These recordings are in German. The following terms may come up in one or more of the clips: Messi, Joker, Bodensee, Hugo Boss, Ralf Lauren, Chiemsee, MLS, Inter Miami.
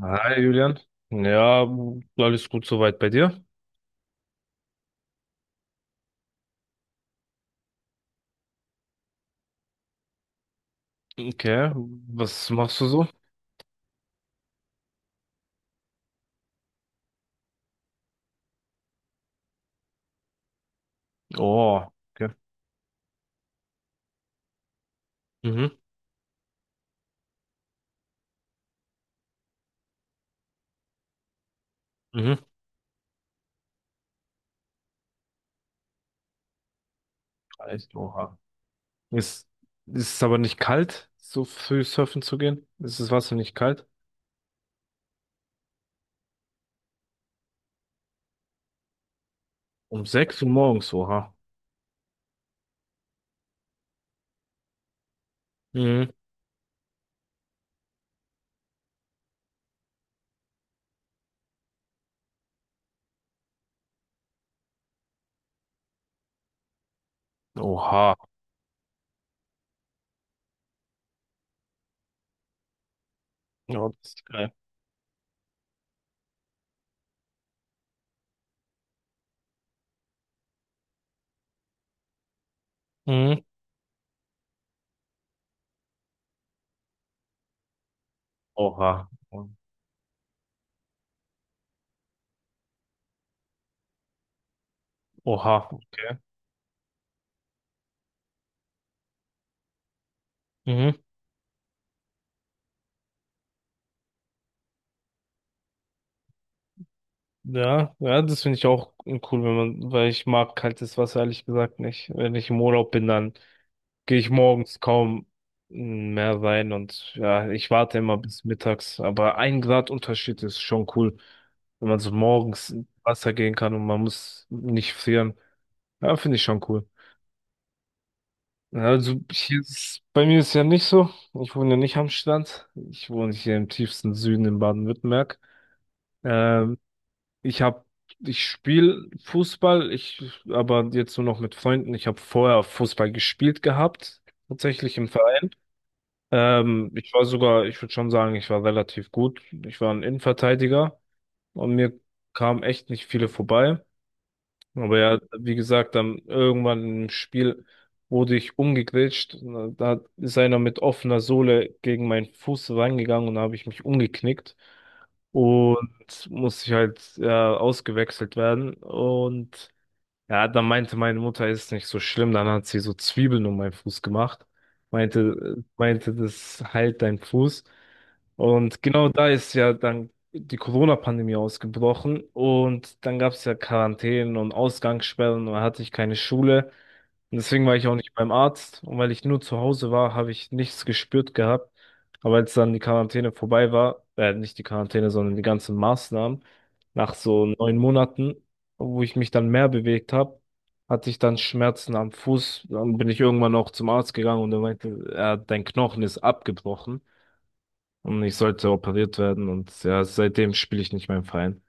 Hi Julian. Ja, alles gut soweit bei dir? Okay, was machst du so? Oh, okay. Mhm, mhm. Echt, oha. Ist, ist es aber nicht kalt, so früh surfen zu gehen? Ist das Wasser nicht kalt? Um 6 Uhr morgens, oha. Mhm. Oha. Ja, das ist geil. Mhm. Oha. Oha, okay. Mhm. Ja, ja, das finde ich auch cool, wenn man, weil ich mag kaltes Wasser ehrlich gesagt nicht. Wenn ich im Urlaub bin, dann gehe ich morgens kaum mehr rein und ja, ich warte immer bis mittags. Aber ein Grad Unterschied ist schon cool, wenn man so morgens ins Wasser gehen kann und man muss nicht frieren. Ja, finde ich schon cool. Also hier ist, bei mir ist ja nicht so. Ich wohne ja nicht am Strand. Ich wohne hier im tiefsten Süden in Baden-Württemberg. Ähm, ich habe, ich spiele Fußball, ich aber jetzt nur noch mit Freunden. Ich habe vorher Fußball gespielt gehabt, tatsächlich im Verein. Ich war sogar, ich würde schon sagen, ich war relativ gut. Ich war ein Innenverteidiger und mir kamen echt nicht viele vorbei. Aber ja, wie gesagt, dann irgendwann im Spiel wurde ich umgegrätscht. Da ist einer mit offener Sohle gegen meinen Fuß reingegangen und da habe ich mich umgeknickt. Und musste ich halt ja, ausgewechselt werden. Und ja, dann meinte meine Mutter, ist nicht so schlimm. Dann hat sie so Zwiebeln um meinen Fuß gemacht. Meinte, meinte, das heilt dein Fuß. Und genau da ist ja dann die Corona-Pandemie ausgebrochen. Und dann gab es ja Quarantänen und Ausgangssperren und da hatte ich keine Schule. Und deswegen war ich auch nicht beim Arzt. Und weil ich nur zu Hause war, habe ich nichts gespürt gehabt. Aber als dann die Quarantäne vorbei war, nicht die Quarantäne, sondern die ganzen Maßnahmen, nach so 9 Monaten, wo ich mich dann mehr bewegt habe, hatte ich dann Schmerzen am Fuß. Dann bin ich irgendwann auch zum Arzt gegangen und er meinte, ja, dein Knochen ist abgebrochen und ich sollte operiert werden. Und ja, seitdem spiele ich nicht mehr im Verein.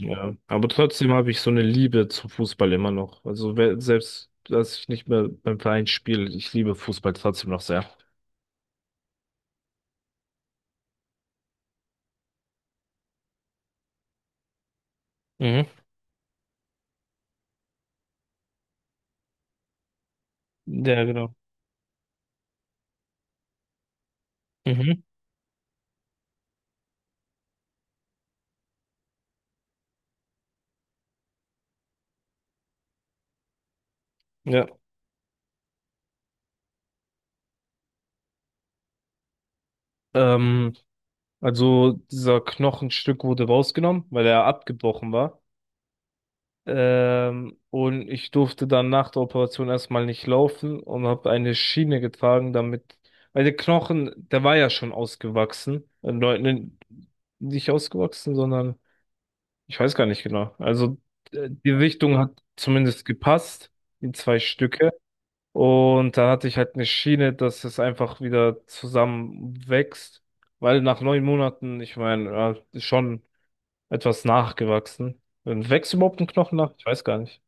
Ja, aber trotzdem habe ich so eine Liebe zum Fußball immer noch. Also selbst, dass ich nicht mehr beim Verein spiele, ich liebe Fußball trotzdem noch sehr. Mhm. Ja, genau. Mhm. Ja. Ähm, also dieser Knochenstück wurde rausgenommen, weil er abgebrochen war. Und ich durfte dann nach der Operation erstmal nicht laufen und habe eine Schiene getragen, damit, weil der Knochen, der war ja schon ausgewachsen. Leuten nicht ausgewachsen, sondern ich weiß gar nicht genau. Also die Richtung hat zumindest gepasst, die zwei Stücke. Und da hatte ich halt eine Schiene, dass es einfach wieder zusammenwächst. Weil nach 9 Monaten, ich meine, ja, ist schon etwas nachgewachsen. Und wächst überhaupt ein Knochen nach? Ich weiß gar nicht.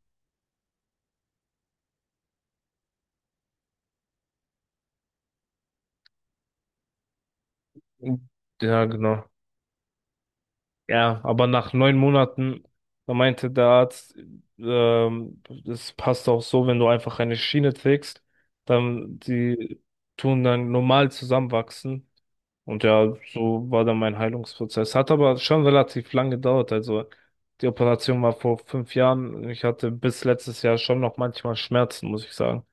Ja, genau. Ja, aber nach 9 Monaten, da meinte der Arzt, das passt auch so, wenn du einfach eine Schiene trägst, dann die tun dann normal zusammenwachsen. Und ja, so war dann mein Heilungsprozess. Hat aber schon relativ lang gedauert. Also die Operation war vor 5 Jahren. Ich hatte bis letztes Jahr schon noch manchmal Schmerzen, muss ich sagen.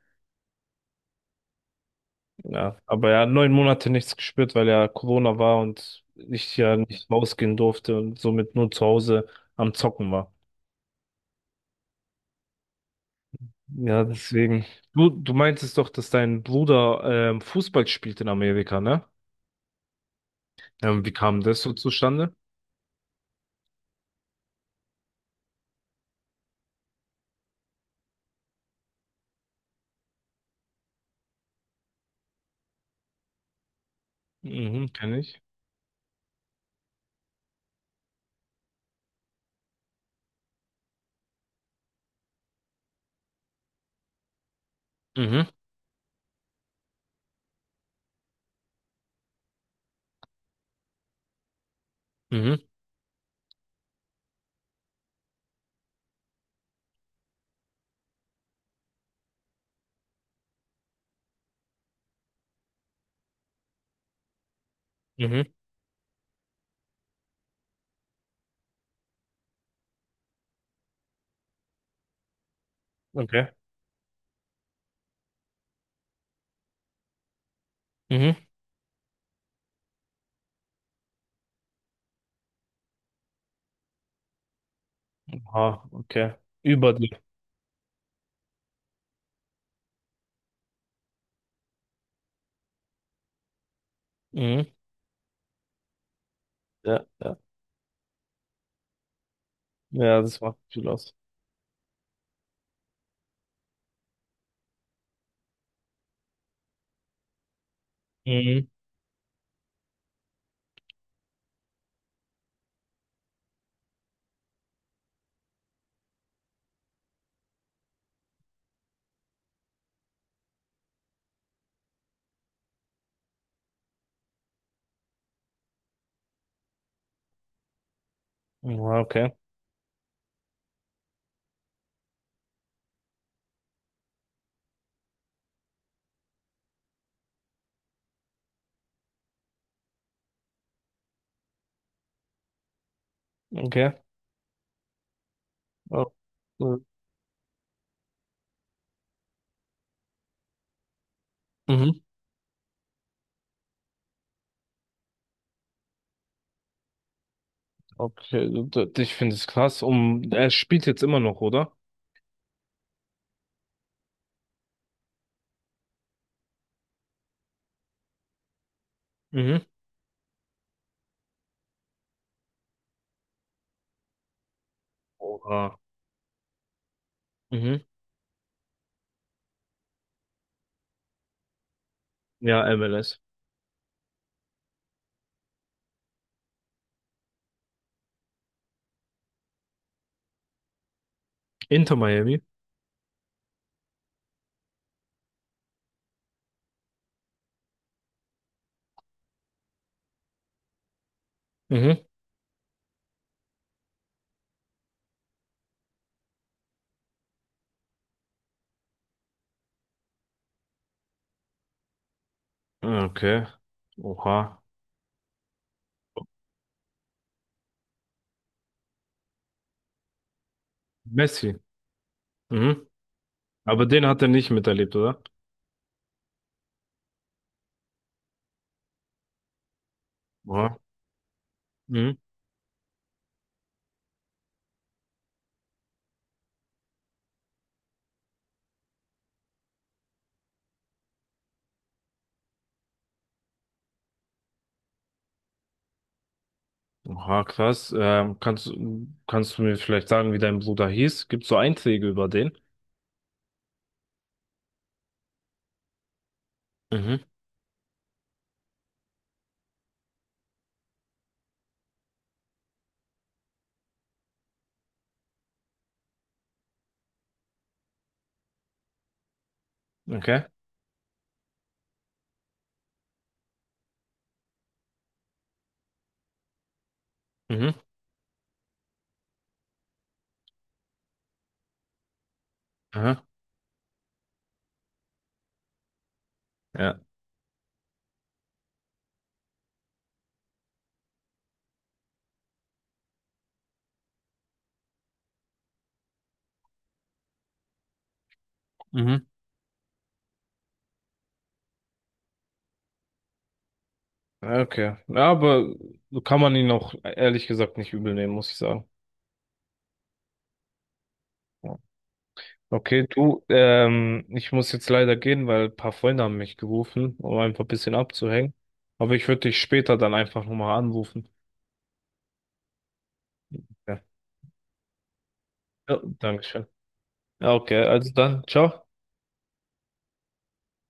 Ja, aber ja, 9 Monate nichts gespürt, weil ja Corona war und ich ja nicht rausgehen durfte und somit nur zu Hause am Zocken war. Ja, deswegen. Du meintest doch, dass dein Bruder Fußball spielt in Amerika, ne? Wie kam das so zustande? Mhm, kenne ich. Mhm, mhm, mhm, okay. Mhm. Ah, okay. Über die. Mhm. Ja, ja. Ja, das macht viel aus. Mhm. Ja, okay, okay. Oh. Mhm. Okay, ich finde es krass. Er spielt jetzt immer noch, oder? Mhm. Oha. Mhm. Ja, MLS. Inter Miami. Mhm. Okay. Oha. Messi. Mhm. Aber den hat er nicht miterlebt, oder? Oha. Mhm. Oha, krass. Kannst du mir vielleicht sagen, wie dein Bruder hieß? Gibt's so Einträge über den? Mhm. Okay. Mhm. Aha. Ja. Mhm. Okay. Ja, aber kann man ihn auch ehrlich gesagt nicht übel nehmen, muss ich sagen. Ja. Okay, du, ich muss jetzt leider gehen, weil ein paar Freunde haben mich gerufen, um einfach ein bisschen abzuhängen. Aber ich würde dich später dann einfach nochmal anrufen. Ja. Ja, Dankeschön. Ja, okay, also dann, ciao.